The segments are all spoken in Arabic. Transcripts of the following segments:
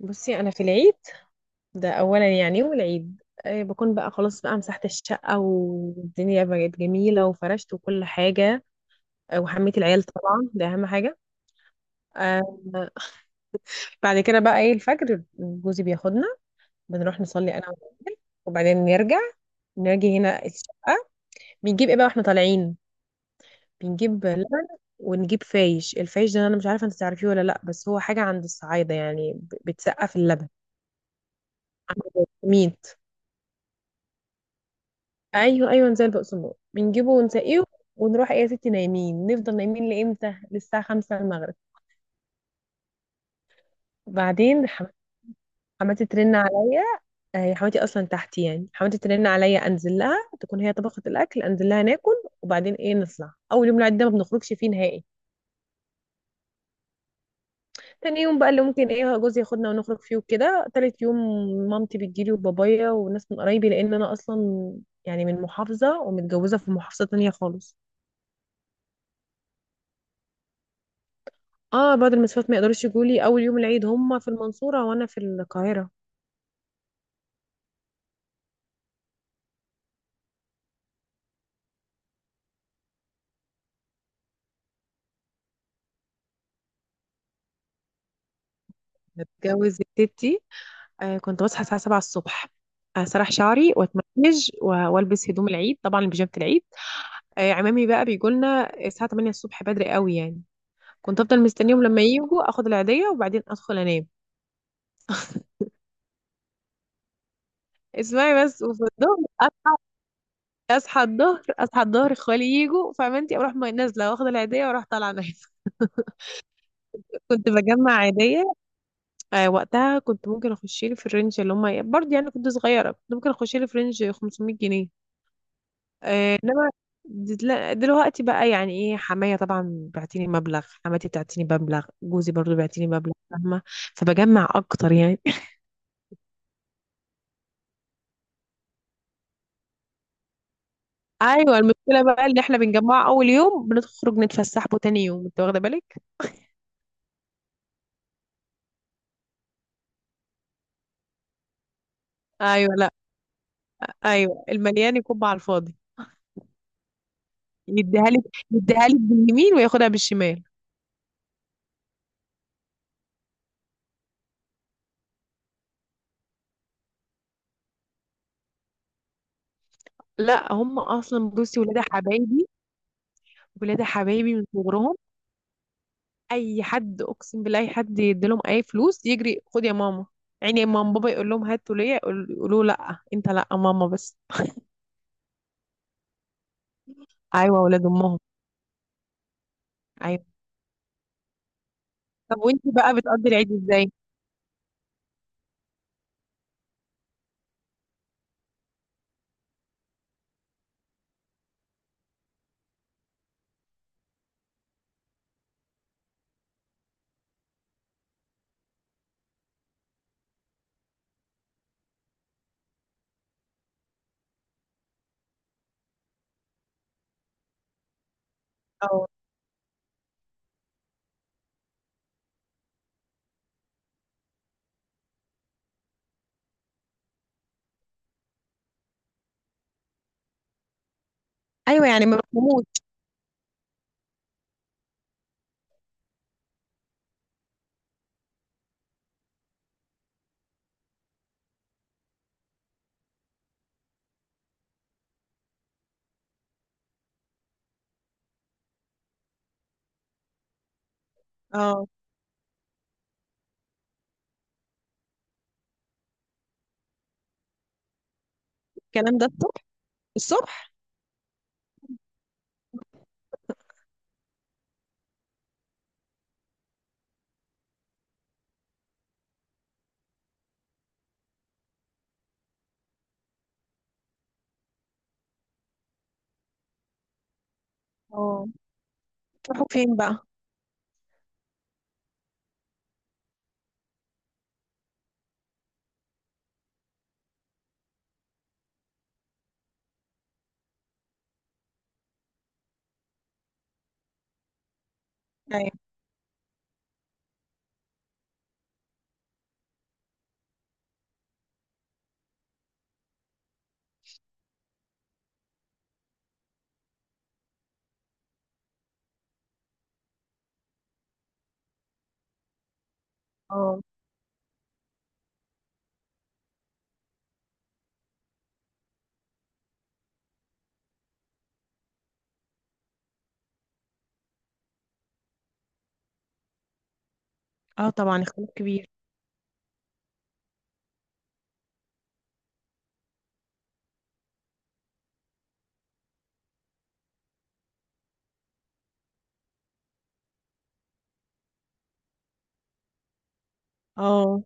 بصي انا في العيد ده اولا يعني والعيد بكون بقى خلاص بقى مسحت الشقه والدنيا بقت جميله وفرشت وكل حاجه. وحميت العيال طبعا ده اهم حاجه. آه، بعد كده بقى ايه الفجر جوزي بياخدنا، بنروح نصلي انا والعيال وبعدين نرجع نجي هنا الشقه. بنجيب ايه بقى واحنا طالعين، بنجيب لبن ونجيب فايش. الفايش ده انا مش عارفه انت تعرفيه ولا لا، بس هو حاجه عند الصعايده، يعني بتسقف اللبن عند ميت. ايوه ايوه، نزل بقسماط، بنجيبه ونسقيه، ونروح ايه يا ستي نايمين. نفضل نايمين لامتى؟ للساعه 5 المغرب. بعدين حماتي ترن عليا. هي حماتي اصلا تحتي، يعني حماتي ترن عليا انزل لها، تكون هي طبخت الاكل، انزل لها ناكل. وبعدين ايه، نطلع اول يوم العيد ده ما بنخرجش فيه نهائي. تاني يوم بقى اللي ممكن ايه جوزي ياخدنا ونخرج فيه وكده. تالت يوم مامتي بتجيلي وبابايا وناس من قرايبي، لان انا اصلا يعني من محافظه ومتجوزه في محافظه تانية خالص. اه بعض المسافات ما يقدروش يجوا لي اول يوم العيد، هم في المنصورة وانا في القاهرة. بتجوز تيتي، آه كنت بصحى الساعة 7 الصبح، اسرح شعري واتمنج والبس هدوم العيد، طبعا بيجامة العيد. آه عمامي بقى بيجوا لنا الساعة 8 الصبح، بدري قوي يعني. كنت افضل مستنيهم لما يجوا، اخد العيدية وبعدين ادخل انام. اسمعي بس، وفي الظهر اصحى الظهر اصحى الظهر، اخوالي يجوا فعمامتي، اروح نازله واخد العيديه واروح طالعه نايمه. كنت بجمع عيديه. آه وقتها كنت ممكن اخش لي في الرينج اللي هم برضه، يعني كنت صغيره، كنت ممكن اخش لي في رينج 500 جنيه. آه انما دل- لا، دلوقتي بقى يعني ايه، حمايه طبعا بعتيني مبلغ، حماتي بتعتيني مبلغ، جوزي برضه بيعتيني مبلغ، فاهمه؟ فبجمع اكتر يعني. ايوه المشكله بقى ان احنا بنجمع اول يوم بنخرج نتفسح به تاني يوم، انت واخده بالك؟ ايوه لا، ايوه المليان يكب على الفاضي، يديها لك، يديها لك باليمين وياخدها بالشمال. لا هم اصلا بصي ولاد حبايبي، ولاد حبايبي من صغرهم، اي حد اقسم بالله اي حد يديلهم اي فلوس، يجري خد يا ماما. يعني ماما بابا يقول لهم هاتوا ليا، يقولوا لا انت، لا ماما بس. ايوه اولاد امهم. ايوه طب وانت بقى بتقضي العيد ازاي؟ اه. ايوه يعني ما بفهموش. اه الكلام ده الصبح؟ الصبح. اه تروحوا فين بقى؟ ايوه. اه اه طبعا اختلاف كبير. اه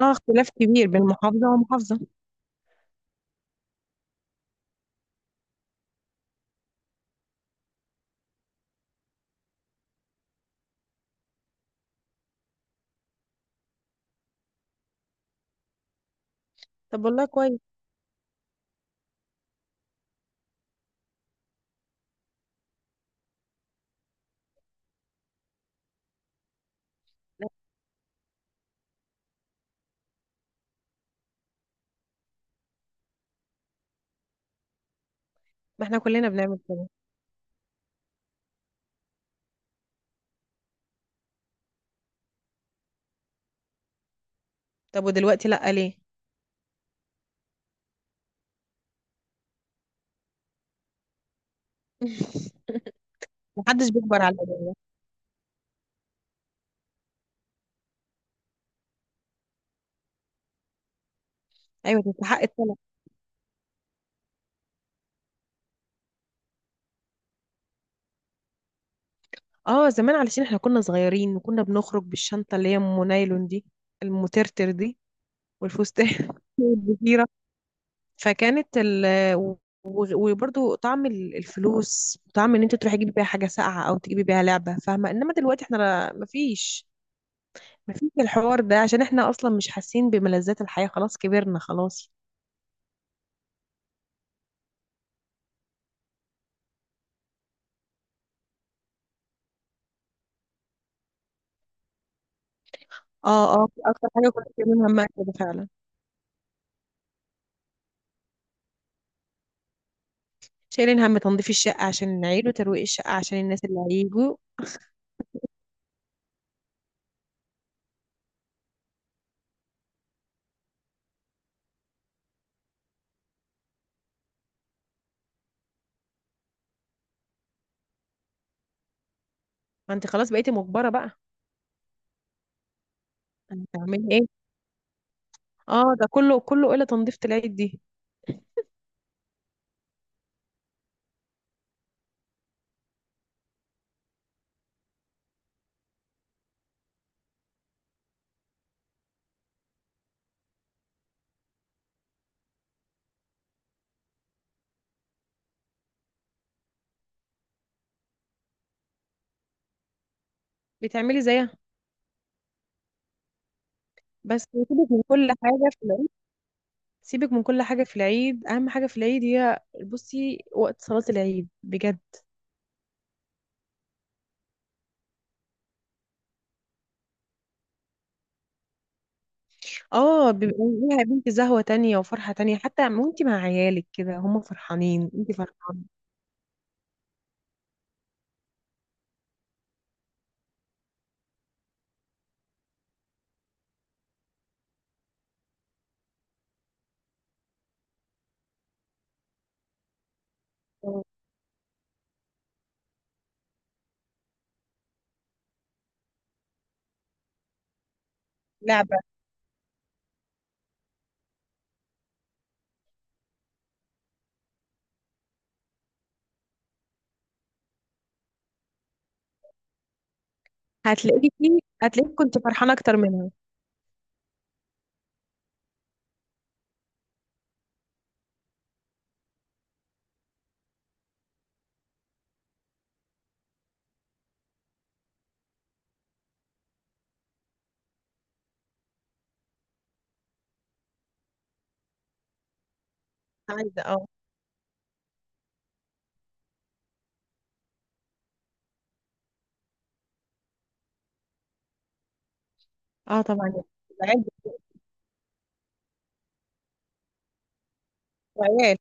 اه اختلاف كبير بين محافظة ومحافظة. طب والله كويس. ما احنا كلنا بنعمل كده. طب ودلوقتي لا ليه؟ محدش بيكبر على الأداء. ايوه تستحق الطلب. اه زمان علشان احنا كنا صغيرين، وكنا بنخرج بالشنطة اللي هي ام نايلون دي، المترتر دي، والفستان الكبيرة. فكانت وبرضو طعم الفلوس، طعم ان انت تروحي تجيبي بيها حاجة ساقعة او تجيبي بيها لعبة، فاهمة؟ انما دلوقتي احنا مفيش، مفيش الحوار ده، عشان احنا اصلا مش حاسين بملذات الحياة، خلاص كبرنا خلاص. اه اه اكتر حاجة كنت شايلين همها كده فعلا. شايلين هم تنظيف الشقة عشان العيل، وترويق الشقة عشان الناس اللي هيجوا. ما انت خلاص بقيتي مجبرة بقى، هتعملي ايه؟ اه ده كله كله إلا تنظيفة العيد دي. بتعملي زيها. بس سيبك من كل حاجة في العيد، سيبك من كل حاجة في العيد، أهم حاجة في العيد هي بصي وقت صلاة العيد بجد. اه بيبقى ليها يا بنتي زهوة تانية وفرحة تانية، حتى وانتي مع عيالك كده، هم فرحانين انتي فرحانة. آه، لعبة. هتلاقيكي هتلاقيكي كنت فرحانة أكتر منها. عايزة اه. اه طبعا العيد عيال.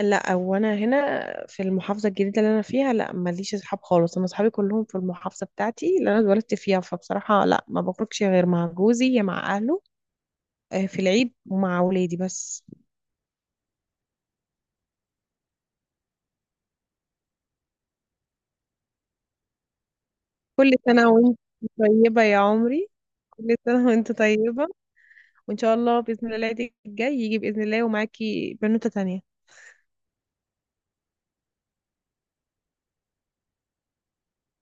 لا وانا هنا في المحافظه الجديده اللي انا فيها لا ماليش اصحاب خالص، انا اصحابي كلهم في المحافظه بتاعتي اللي انا اتولدت فيها، فبصراحه لا ما بخرجش غير مع جوزي يا مع اهله في العيد ومع ولادي بس. كل سنه وانت طيبه يا عمري. كل سنه وانت طيبه، وان شاء الله باذن الله العيد الجاي يجي باذن الله ومعاكي بنوته تانية.